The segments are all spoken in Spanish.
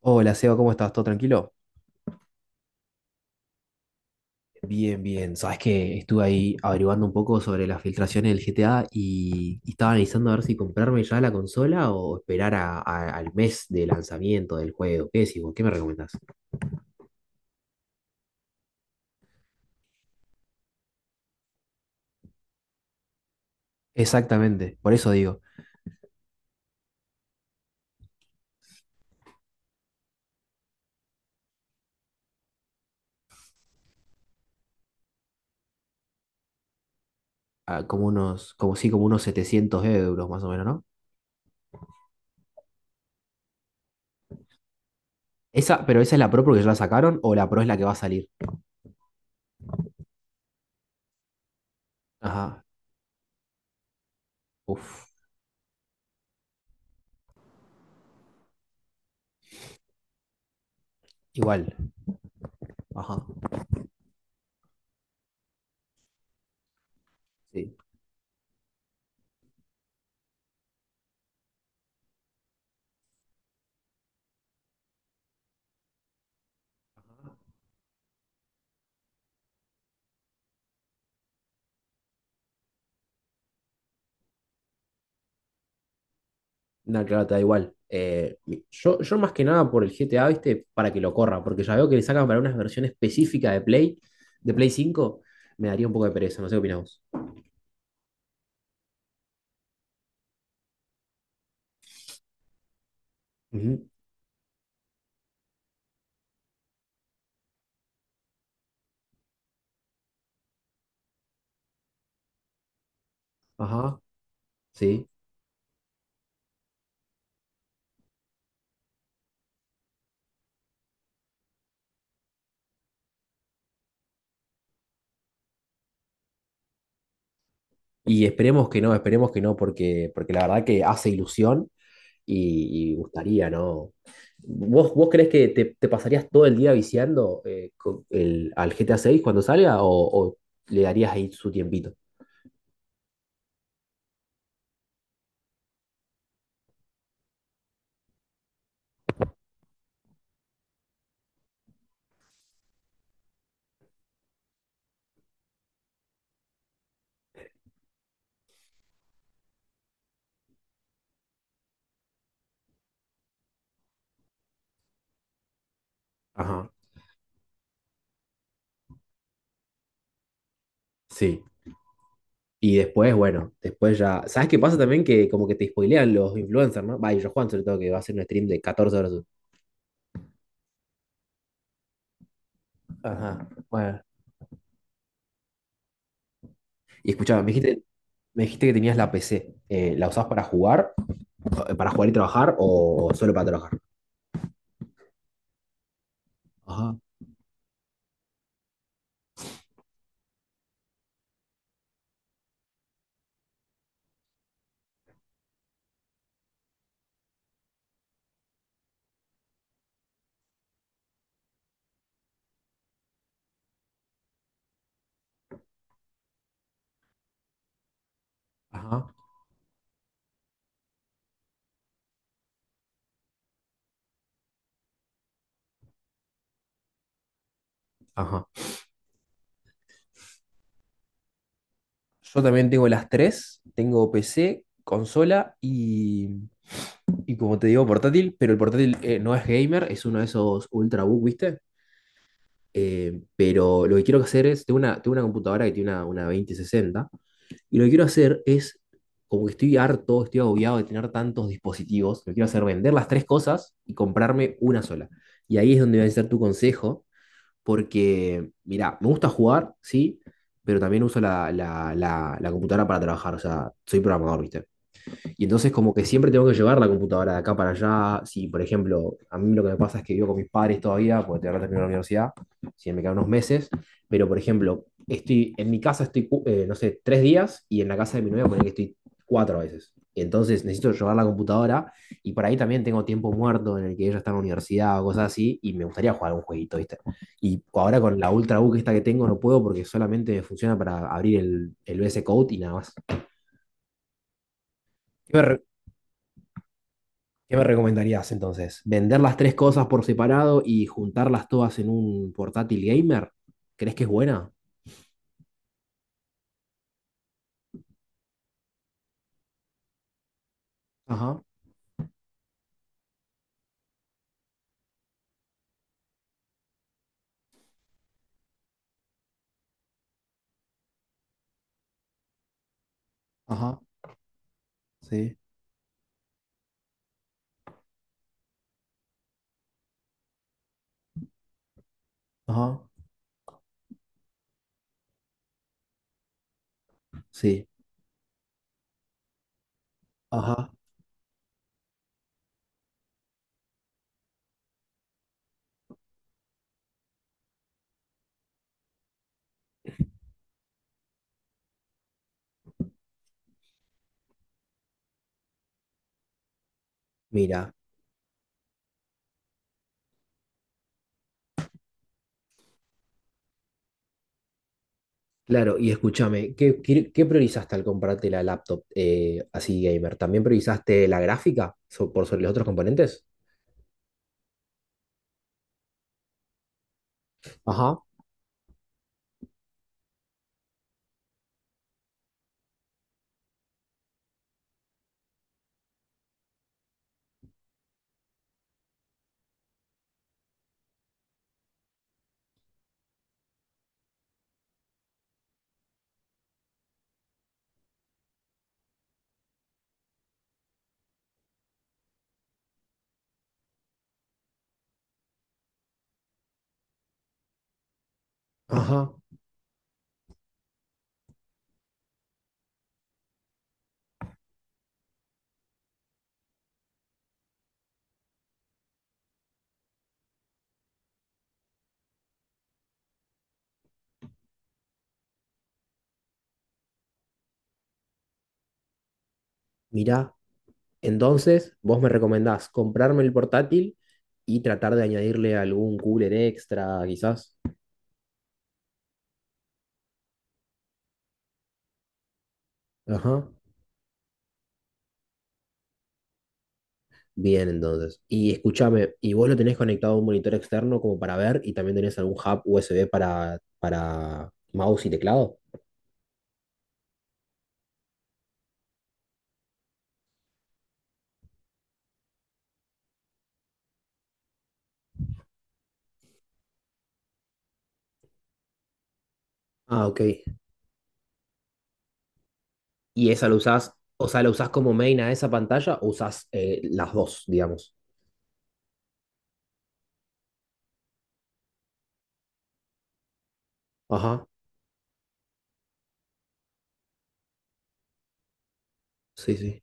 Hola, Seba, ¿cómo estás? ¿Todo tranquilo? Bien, bien. Sabes que estuve ahí averiguando un poco sobre las filtraciones del GTA y estaba analizando a ver si comprarme ya la consola o esperar al mes de lanzamiento del juego. ¿Qué decís vos? ¿Qué me recomendás? Exactamente, por eso digo, ah, como unos 700 euros más o menos, ¿no? Esa, pero esa es la Pro porque ya la sacaron o la Pro es la que va a salir. Ajá, uff, igual. Ajá, sí. No, claro, te da igual. Yo más que nada por el GTA, ¿viste? Para que lo corra, porque ya veo que le sacan para una versión específica de Play 5 me daría un poco de pereza, no sé qué opinás vos. Ujú, ajá, sí. Y esperemos que no, porque la verdad que hace ilusión y gustaría, ¿no? ¿Vos creés que te pasarías todo el día viciando con el, al GTA 6 cuando salga o le darías ahí su tiempito? Ajá, sí. Y después, bueno, después ya. ¿Sabes qué pasa también? Que como que te spoilean los influencers, ¿no? Va, y yo Juan, sobre todo, que va a hacer un stream de 14 horas. Ajá, bueno. Y escuchaba, me dijiste que tenías la PC. ¿La usás para jugar? ¿Para jugar y trabajar o solo para trabajar? Ajá, ajá, ajá. Yo también tengo las tres. Tengo PC, consola y como te digo, portátil. Pero el portátil no es gamer, es uno de esos Ultrabook, ¿viste? Pero lo que quiero hacer es, tengo una computadora que tiene una 2060 y lo que quiero hacer es, como que estoy harto, estoy agobiado de tener tantos dispositivos, lo que quiero hacer es vender las tres cosas y comprarme una sola. Y ahí es donde va a ser tu consejo, porque, mira, me gusta jugar, sí, pero también uso la computadora para trabajar, o sea, soy programador, ¿viste? Y entonces como que siempre tengo que llevar la computadora de acá para allá. Si, por ejemplo, a mí lo que me pasa es que vivo con mis padres todavía, porque tengo que terminar la universidad, si no me quedan unos meses, pero por ejemplo, estoy en mi casa estoy, no sé, 3 días y en la casa de mi novia poner que estoy cuatro veces. Entonces necesito llevar la computadora y por ahí también tengo tiempo muerto en el que ella está en la universidad o cosas así y me gustaría jugar un jueguito, ¿viste? Y ahora con la Ultrabook esta que tengo no puedo porque solamente funciona para abrir el VS Code y nada más. Iba re- ¿Qué me recomendarías entonces? ¿Vender las tres cosas por separado y juntarlas todas en un portátil gamer? ¿Crees que es buena? Ajá, ajá, sí, ajá, sí, ajá. Mira, claro, y escúchame, ¿qué priorizaste al comprarte la laptop así gamer? ¿También priorizaste la gráfica por sobre los otros componentes? Ajá, ajá. Mira, entonces vos me recomendás comprarme el portátil y tratar de añadirle algún cooler extra, quizás. Ajá. Bien, entonces. Y escúchame, ¿y, vos lo tenés conectado a un monitor externo como para ver y también tenés algún hub USB para mouse y teclado? Ah, ok. ¿Y esa lo usás, o sea, la usás como main a esa pantalla o usás las dos, digamos? Ajá, sí, sí,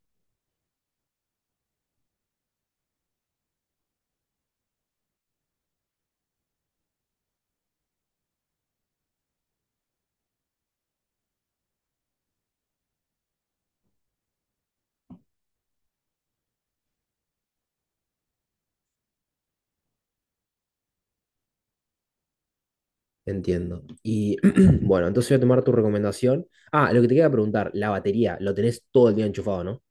entiendo. Y bueno, entonces voy a tomar tu recomendación. Ah, lo que te quería preguntar, la batería, lo tenés todo el día enchufado, ¿no?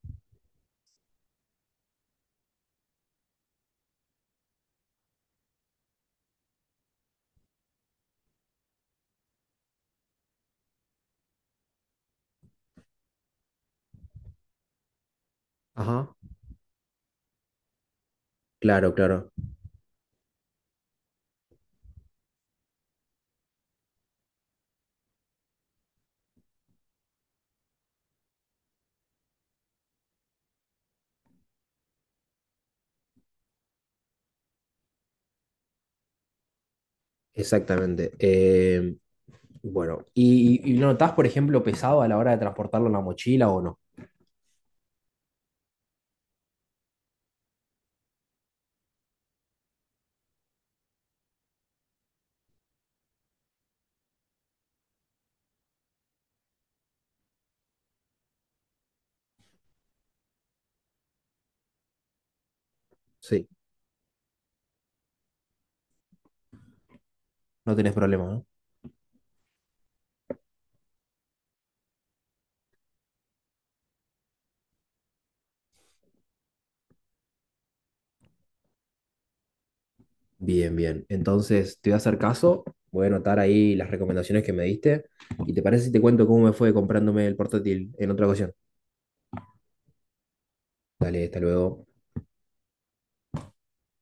Ajá. Claro, claro, exactamente. Bueno, ¿y lo notás, por ejemplo, pesado a la hora de transportarlo en la mochila o no? Sí. No tenés problema, ¿no? Bien, bien. Entonces, te voy a hacer caso, voy a anotar ahí las recomendaciones que me diste. ¿Y te parece si te cuento cómo me fue comprándome el portátil en otra ocasión? Dale, hasta luego.